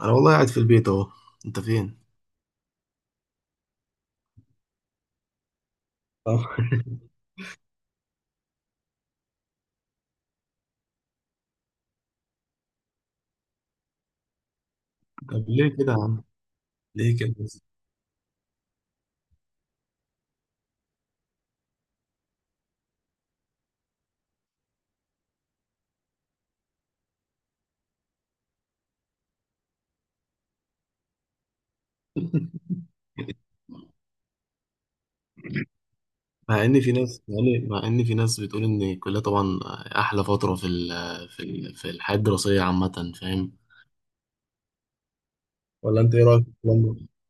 انا والله قاعد في البيت اهو. انت فين؟ آه. طب ليه كده يا عم؟ ليه كده بس؟ مع إن في ناس بتقول ان الكليه طبعا احلى فتره في الحياه الدراسيه عامه، فاهم؟ ولا انت ايه رايك في الكلام ده؟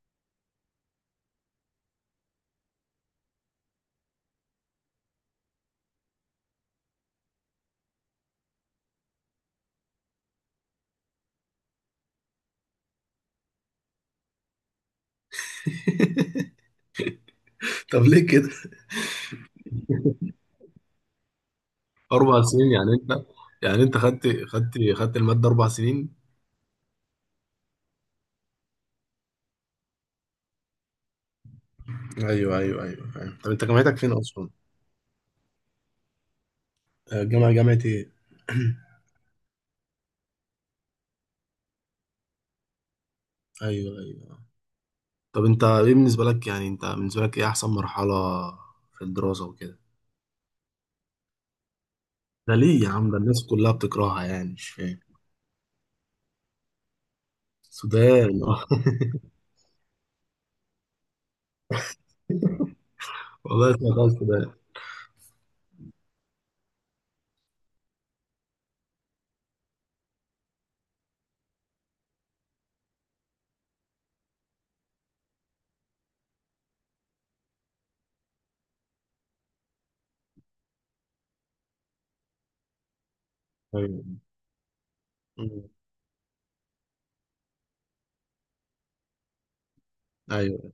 طب ليه كده؟ اربع سنين، يعني انت، يعني انت خدت الماده اربع سنين. ايوه ايوه ايوه، فاهم. طب انت جامعتك فين اصلا؟ آه، جامعه ايه؟ ايوه ايوه. طب انت، ايه بالنسبة لك، يعني انت بالنسبة لك ايه احسن مرحلة في الدراسة وكده؟ ده ليه يا عم؟ ده الناس كلها بتكرهها، يعني مش فاهم. السودان. آه. والله اسمها خالص السودان. ايوه. مم. ايوه.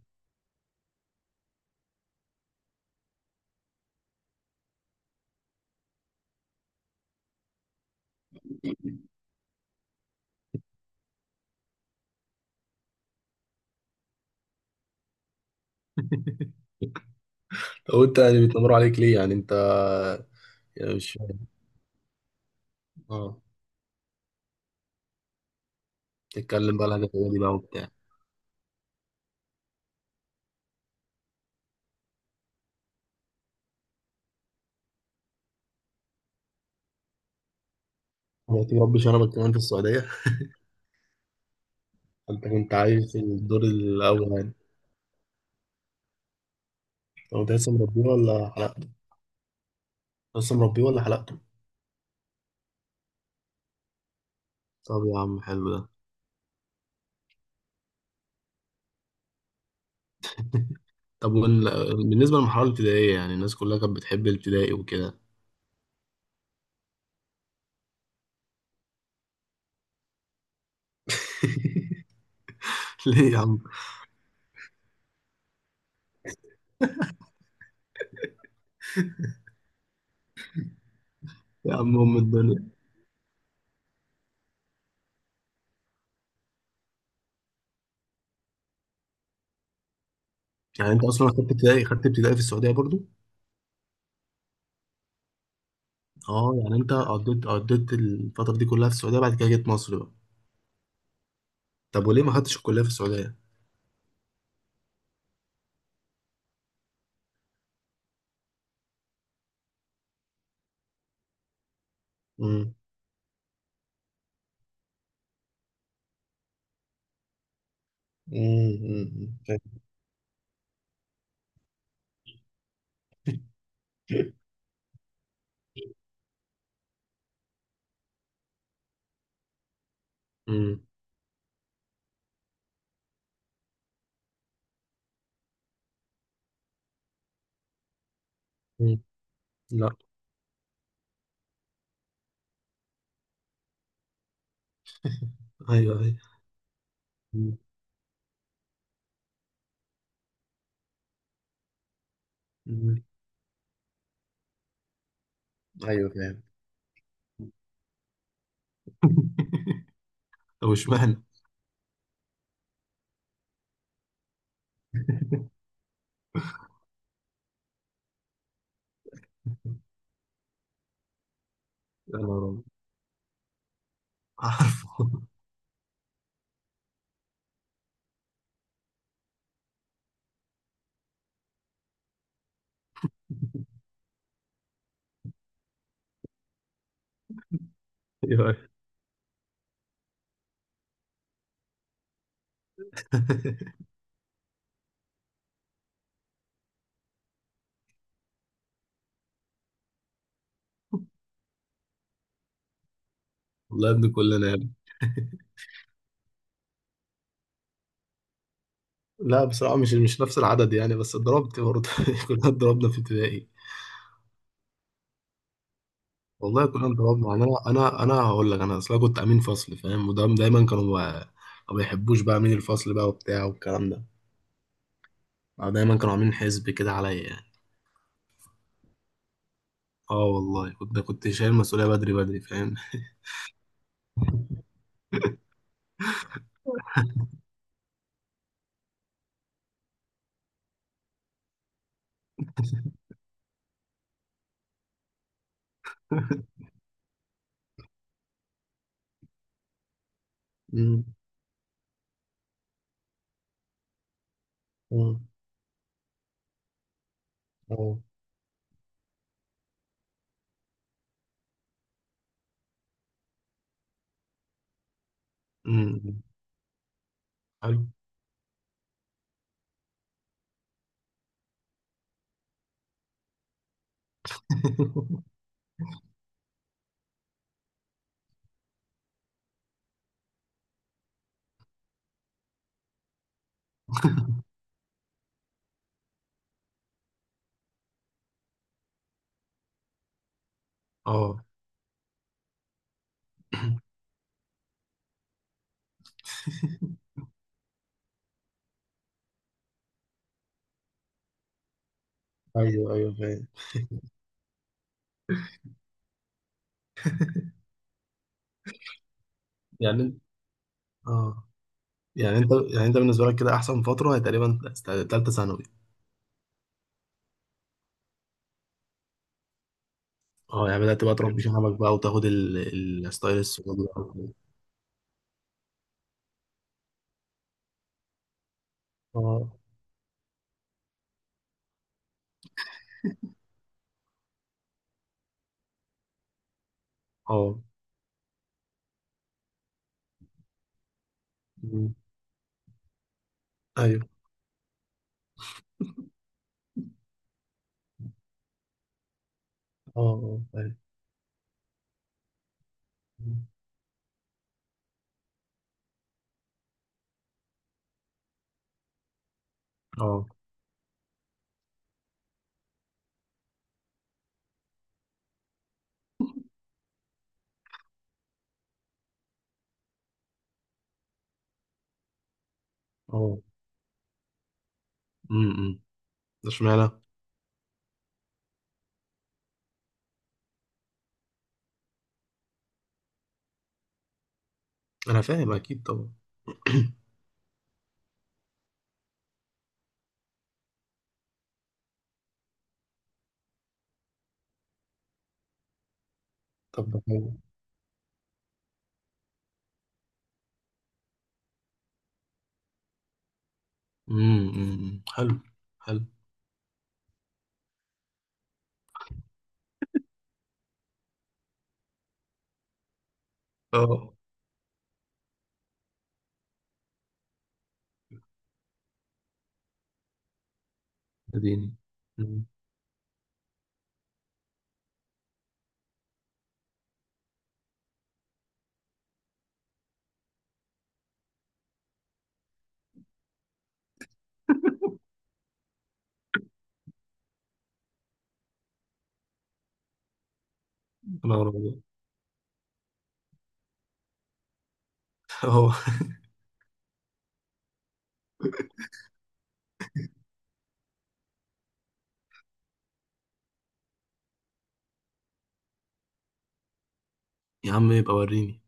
طب انت يعني بيتنمروا عليك ليه، يعني انت؟ يعني مش فاهم. اه. تتكلم بقى لهجة دي بقى وبتاع. دلوقتي مربي شنبك كمان في السعودية؟ انت كنت عايش في الدور الاول يعني؟ طب انت لسه مربيه ولا حلقته؟ لسه مربيه ولا حلقته؟ طب يا عم حلو ده. طب بالنسبة للمرحلة الابتدائية، يعني الناس كلها كانت بتحب الابتدائي وكده. ليه يا عم؟ يا عم ام الدنيا. يعني انت اصلا خدت ابتدائي في السعودية برضو؟ اه. يعني انت قضيت الفترة دي كلها في السعودية، بعد كده جيت مصر بقى؟ طب وليه ما خدتش الكلية في السعودية؟ امم. امم، فاهم. امم. أمم. لا. ايوه ايوه. أمم. أمم. ايوه، فاهم. طب اشمعنى؟ يا نهار أبيض. عارفه. ايوه. والله يا ابني كلنا. لا، بصراحة مش نفس العدد، يعني، بس اتضربت برضه. كلنا اتضربنا في ابتدائي. والله كلنا اتضربنا، يعني انا هقول لك، انا اصلا كنت امين فصل، فاهم، وده دايما كانوا ما بيحبوش بقى امين الفصل بقى وبتاع والكلام ده. آه، دايما كانوا عاملين حزب كده عليا، يعني. اه والله كنت شايل المسؤولية بدري بدري، فاهم. أمم. أمم. اه. أمم. حلو. اه ايوه ايوه، فاهم. يعني انت- اه. يعني انت، بالنسبة لك كده احسن فترة هي تقريبا تالتة ثانوي. اه، يعني بدأت بقى تربي شنبك بقى وتاخد الستايل السعودي بقى وكده. اه اه. مم. ايوه. اه اه، ايوه. مم. اه اه. امم. ده اشمعنى؟ انا فاهم اكيد طبعا. طب ده حلو. امم. أمم، حلو. حلو. اه، اديني. أمم. انا ورا والله. اه. يا عم يبقى وريني.